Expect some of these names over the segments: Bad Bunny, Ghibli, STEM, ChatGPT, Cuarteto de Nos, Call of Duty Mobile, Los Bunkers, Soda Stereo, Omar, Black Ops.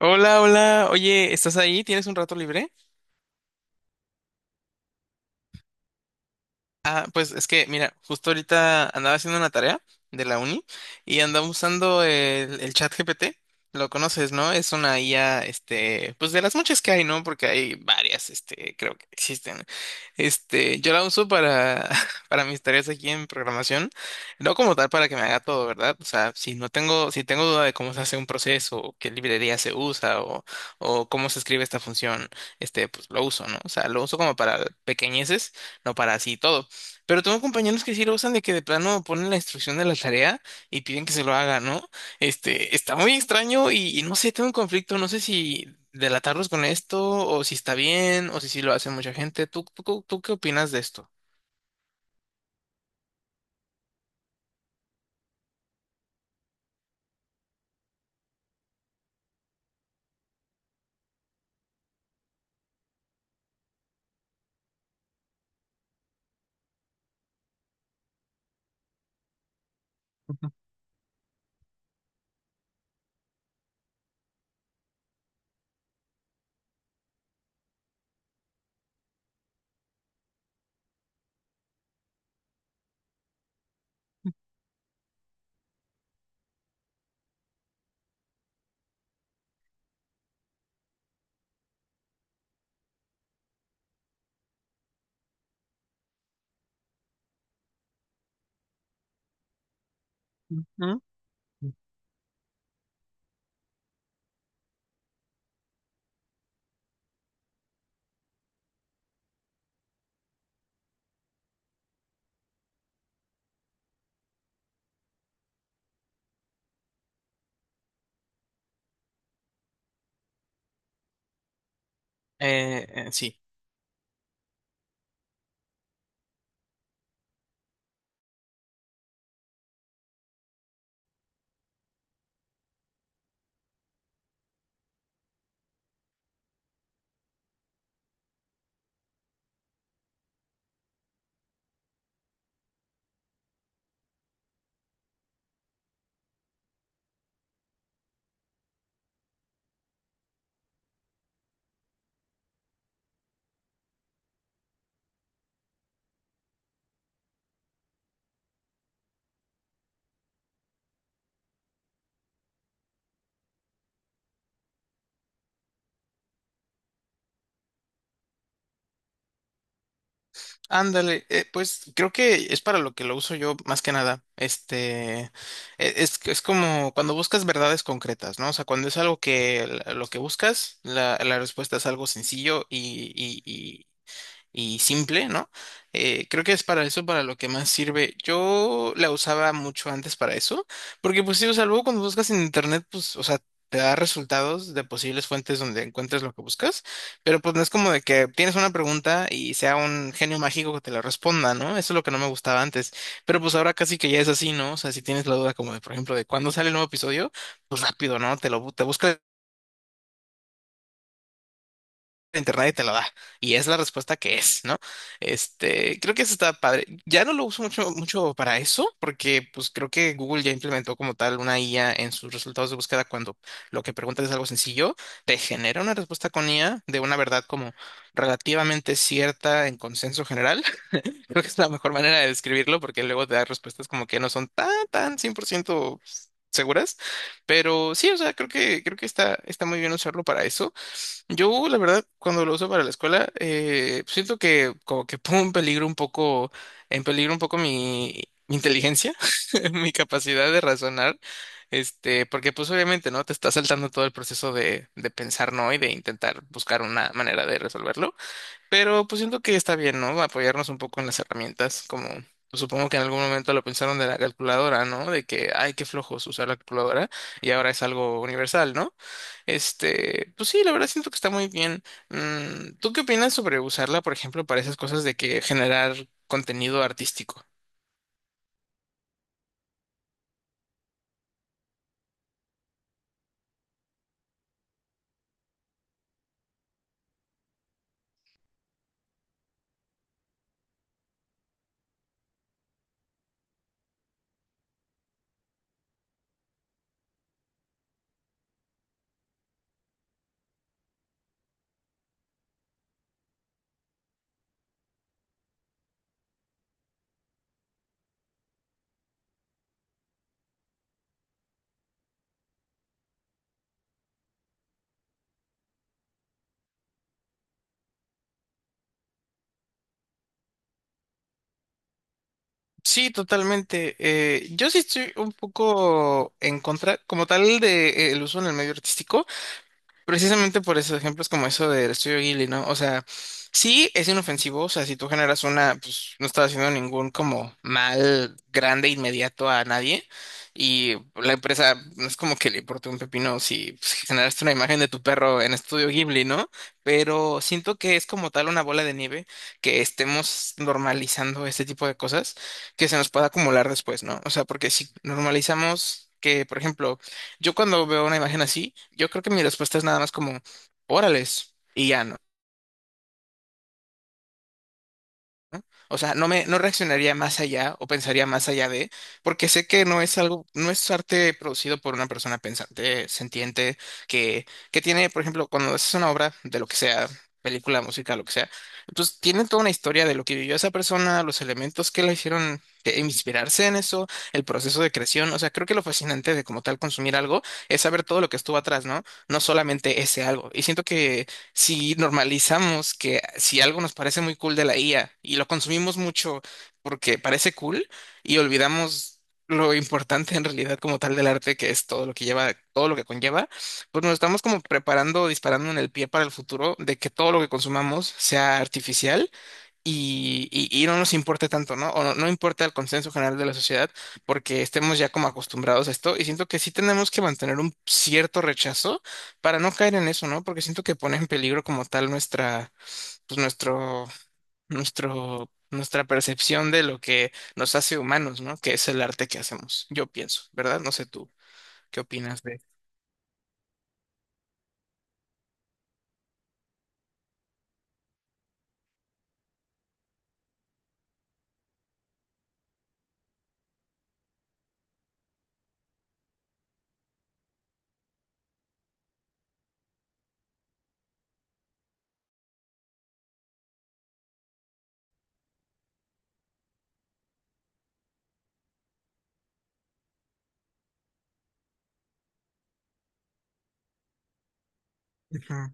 Hola, hola. Oye, ¿estás ahí? ¿Tienes un rato libre? Ah, pues es que, mira, justo ahorita andaba haciendo una tarea de la uni y andaba usando el chat GPT. Lo conoces, ¿no? Es una IA, este, pues de las muchas que hay, ¿no? Porque hay varias, este, creo que existen. Este, yo la uso para, para mis tareas aquí en programación, no como tal para que me haga todo, ¿verdad? O sea, si no tengo, si tengo duda de cómo se hace un proceso, o qué librería se usa, o cómo se escribe esta función, este, pues lo uso, ¿no? O sea, lo uso como para pequeñeces, no para así todo. Pero tengo compañeros que sí lo usan de que de plano ponen la instrucción de la tarea y piden que se lo haga, ¿no? Este, está muy extraño y no sé, tengo un conflicto, no sé si delatarlos con esto o si está bien o si sí lo hace mucha gente. ¿Tú qué opinas de esto? Sí. Ándale, pues creo que es para lo que lo uso yo más que nada. Este, es como cuando buscas verdades concretas, ¿no? O sea, cuando es algo que lo que buscas, la respuesta es algo sencillo y simple, ¿no? Creo que es para eso, para lo que más sirve. Yo la usaba mucho antes para eso, porque pues sí, o sea, cuando buscas en internet, pues, o sea, te da resultados de posibles fuentes donde encuentres lo que buscas, pero pues no es como de que tienes una pregunta y sea un genio mágico que te la responda, ¿no? Eso es lo que no me gustaba antes, pero pues ahora casi que ya es así, ¿no? O sea, si tienes la duda como de, por ejemplo, de cuándo sale el nuevo episodio, pues rápido, ¿no? Te buscas internet y te lo da. Y es la respuesta que es, ¿no? Este, creo que eso está padre. Ya no lo uso mucho, mucho para eso, porque pues creo que Google ya implementó como tal una IA en sus resultados de búsqueda cuando lo que preguntas es algo sencillo, te genera una respuesta con IA de una verdad como relativamente cierta en consenso general. Creo que es la mejor manera de describirlo, porque luego te da respuestas como que no son tan, tan 100% seguras, pero sí, o sea, creo que está muy bien usarlo para eso. Yo, la verdad, cuando lo uso para la escuela, siento que como que pongo en peligro un poco mi inteligencia, mi capacidad de razonar, este, porque pues obviamente, ¿no? Te está saltando todo el proceso de pensar, ¿no? Y de intentar buscar una manera de resolverlo. Pero pues siento que está bien, ¿no? Apoyarnos un poco en las herramientas, como pues, supongo que en algún momento lo pensaron de la calculadora, ¿no? De que, ay, qué flojos usar la calculadora y ahora es algo universal, ¿no? Este, pues sí, la verdad siento que está muy bien. ¿Tú qué opinas sobre usarla, por ejemplo, para esas cosas de que generar contenido artístico? Sí, totalmente. Yo sí estoy un poco en contra, como tal, de, el uso en el medio artístico. Precisamente por esos ejemplos como eso del estudio Ghibli, ¿no? O sea, sí es inofensivo, o sea, si tú generas una, pues no estás haciendo ningún como mal grande inmediato a nadie y la empresa no es como que le importe un pepino si pues, si generaste una imagen de tu perro en estudio Ghibli, ¿no? Pero siento que es como tal una bola de nieve que estemos normalizando este tipo de cosas que se nos pueda acumular después, ¿no? O sea, porque si normalizamos que, por ejemplo, yo cuando veo una imagen así, yo creo que mi respuesta es nada más como, órales, y ya. O sea, no reaccionaría más allá o pensaría más allá de, porque sé que no es algo, no es arte producido por una persona pensante, sentiente, que, que tiene, por ejemplo, cuando haces una obra de lo que sea, película, música, lo que sea, pues tiene toda una historia de lo que vivió esa persona, los elementos que la hicieron inspirarse en eso, el proceso de creación. O sea, creo que lo fascinante de como tal consumir algo es saber todo lo que estuvo atrás, ¿no? No solamente ese algo. Y siento que si normalizamos que si algo nos parece muy cool de la IA y lo consumimos mucho porque parece cool y olvidamos lo importante en realidad como tal del arte que es todo lo que lleva, todo lo que conlleva, pues nos estamos como preparando, disparando en el pie para el futuro de que todo lo que consumamos sea artificial y no nos importe tanto, ¿no? O no, no importa el consenso general de la sociedad porque estemos ya como acostumbrados a esto y siento que sí tenemos que mantener un cierto rechazo para no caer en eso, ¿no? Porque siento que pone en peligro como tal nuestra, pues nuestro, nuestro, nuestra percepción de lo que nos hace humanos, ¿no? Que es el arte que hacemos, yo pienso, ¿verdad? No sé tú, ¿qué opinas de? Ujú.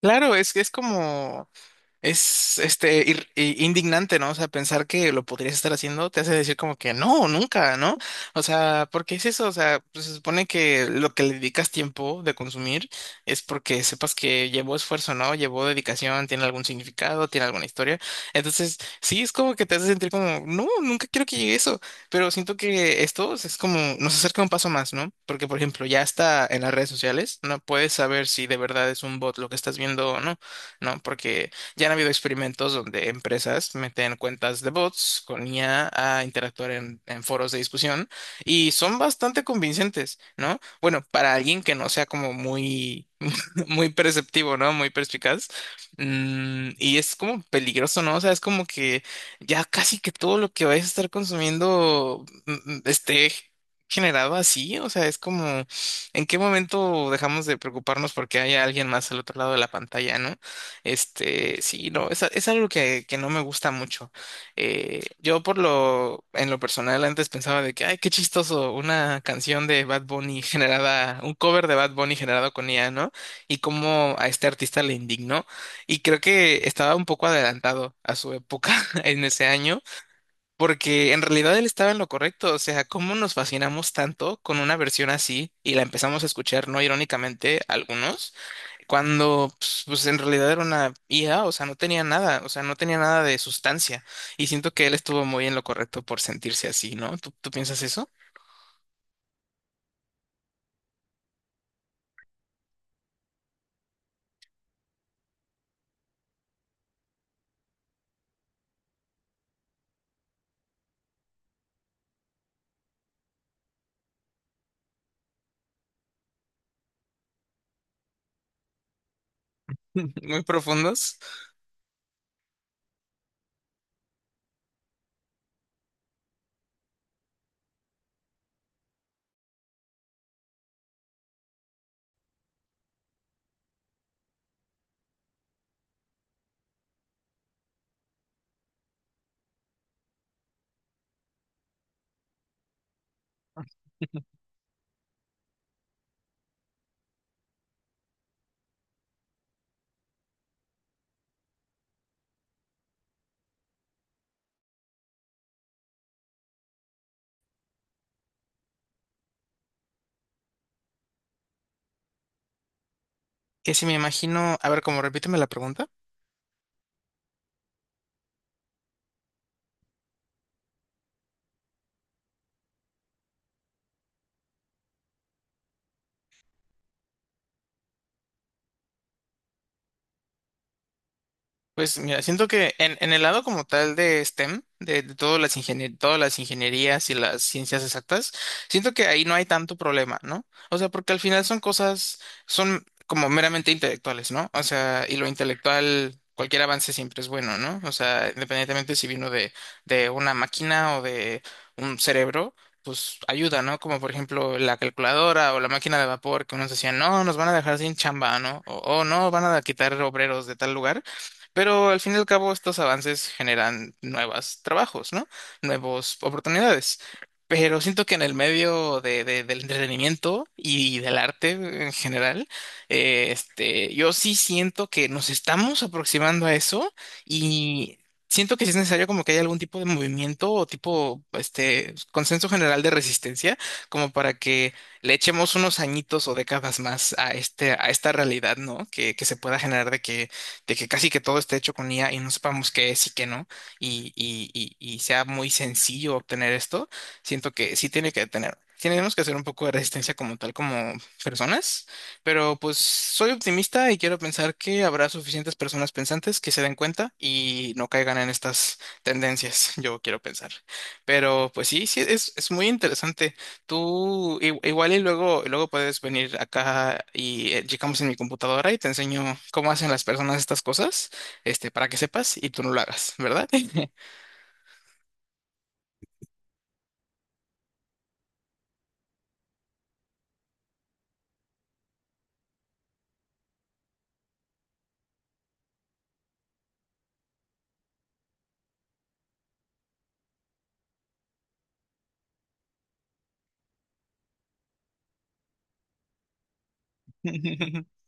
Claro, es que es como. Es este indignante, ¿no? O sea, pensar que lo podrías estar haciendo te hace decir como que no, nunca, ¿no? O sea, ¿por qué es eso? O sea, pues, se supone que lo que le dedicas tiempo de consumir es porque sepas que llevó esfuerzo, ¿no? Llevó dedicación, tiene algún significado, tiene alguna historia. Entonces, sí, es como que te hace sentir como, no, nunca quiero que llegue eso. Pero siento que esto es como, nos acerca un paso más, ¿no? Porque, por ejemplo, ya está en las redes sociales, no puedes saber si de verdad es un bot lo que estás viendo o no, ¿no? Porque ya han habido experimentos donde empresas meten cuentas de bots con IA a interactuar en foros de discusión y son bastante convincentes, ¿no? Bueno, para alguien que no sea como muy muy perceptivo, ¿no? Muy perspicaz. Y es como peligroso, ¿no? O sea, es como que ya casi que todo lo que vayas a estar consumiendo esté generado así. O sea, es como, ¿en qué momento dejamos de preocuparnos porque haya alguien más al otro lado de la pantalla, ¿no? Este, sí, no, es, es algo que no me gusta mucho. Yo por lo, en lo personal antes pensaba de que, ay, qué chistoso, una canción de Bad Bunny generada, un cover de Bad Bunny generado con IA, ¿no? Y cómo a este artista le indignó. Y creo que estaba un poco adelantado a su época en ese año, porque en realidad él estaba en lo correcto. O sea, cómo nos fascinamos tanto con una versión así y la empezamos a escuchar, no irónicamente, algunos, cuando pues, en realidad era una IA, o sea, no tenía nada, o sea, no tenía nada de sustancia. Y siento que él estuvo muy en lo correcto por sentirse así, ¿no? ¿Tú piensas eso? Muy profundos. Que si me imagino, a ver, como repíteme la pregunta. Pues mira, siento que en el lado como tal de STEM, de todas las ingenierías y las ciencias exactas, siento que ahí no hay tanto problema, ¿no? O sea, porque al final son cosas, son como meramente intelectuales, ¿no? O sea, y lo intelectual, cualquier avance siempre es bueno, ¿no? O sea, independientemente si vino de una máquina o de un cerebro. Pues ayuda, ¿no? Como por ejemplo la calculadora o la máquina de vapor que unos decían, no, nos van a dejar sin chamba, ¿no? O, "Oh, no, van a quitar obreros de tal lugar. Pero al fin y al cabo, estos avances generan nuevos trabajos, ¿no? Nuevas oportunidades. Pero siento que en el medio de, del entretenimiento y del arte en general, este, yo sí siento que nos estamos aproximando a eso y siento que sí es necesario como que haya algún tipo de movimiento o tipo, este, consenso general de resistencia, como para que le echemos unos añitos o décadas más a este, a esta realidad, ¿no? Que se pueda generar de que casi que todo esté hecho con IA y no sepamos qué es y qué no, y sea muy sencillo obtener esto, siento que sí tiene que tener. Sí, tenemos que hacer un poco de resistencia como tal, como personas, pero pues soy optimista y quiero pensar que habrá suficientes personas pensantes que se den cuenta y no caigan en estas tendencias, yo quiero pensar. Pero pues sí, sí, es, muy interesante. Tú igual y luego, luego puedes venir acá y checamos en mi computadora y te enseño cómo hacen las personas estas cosas, este, para que sepas y tú no lo hagas, ¿verdad?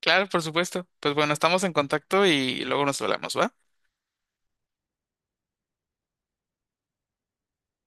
Claro, por supuesto. Pues bueno, estamos en contacto y luego nos hablamos, ¿va?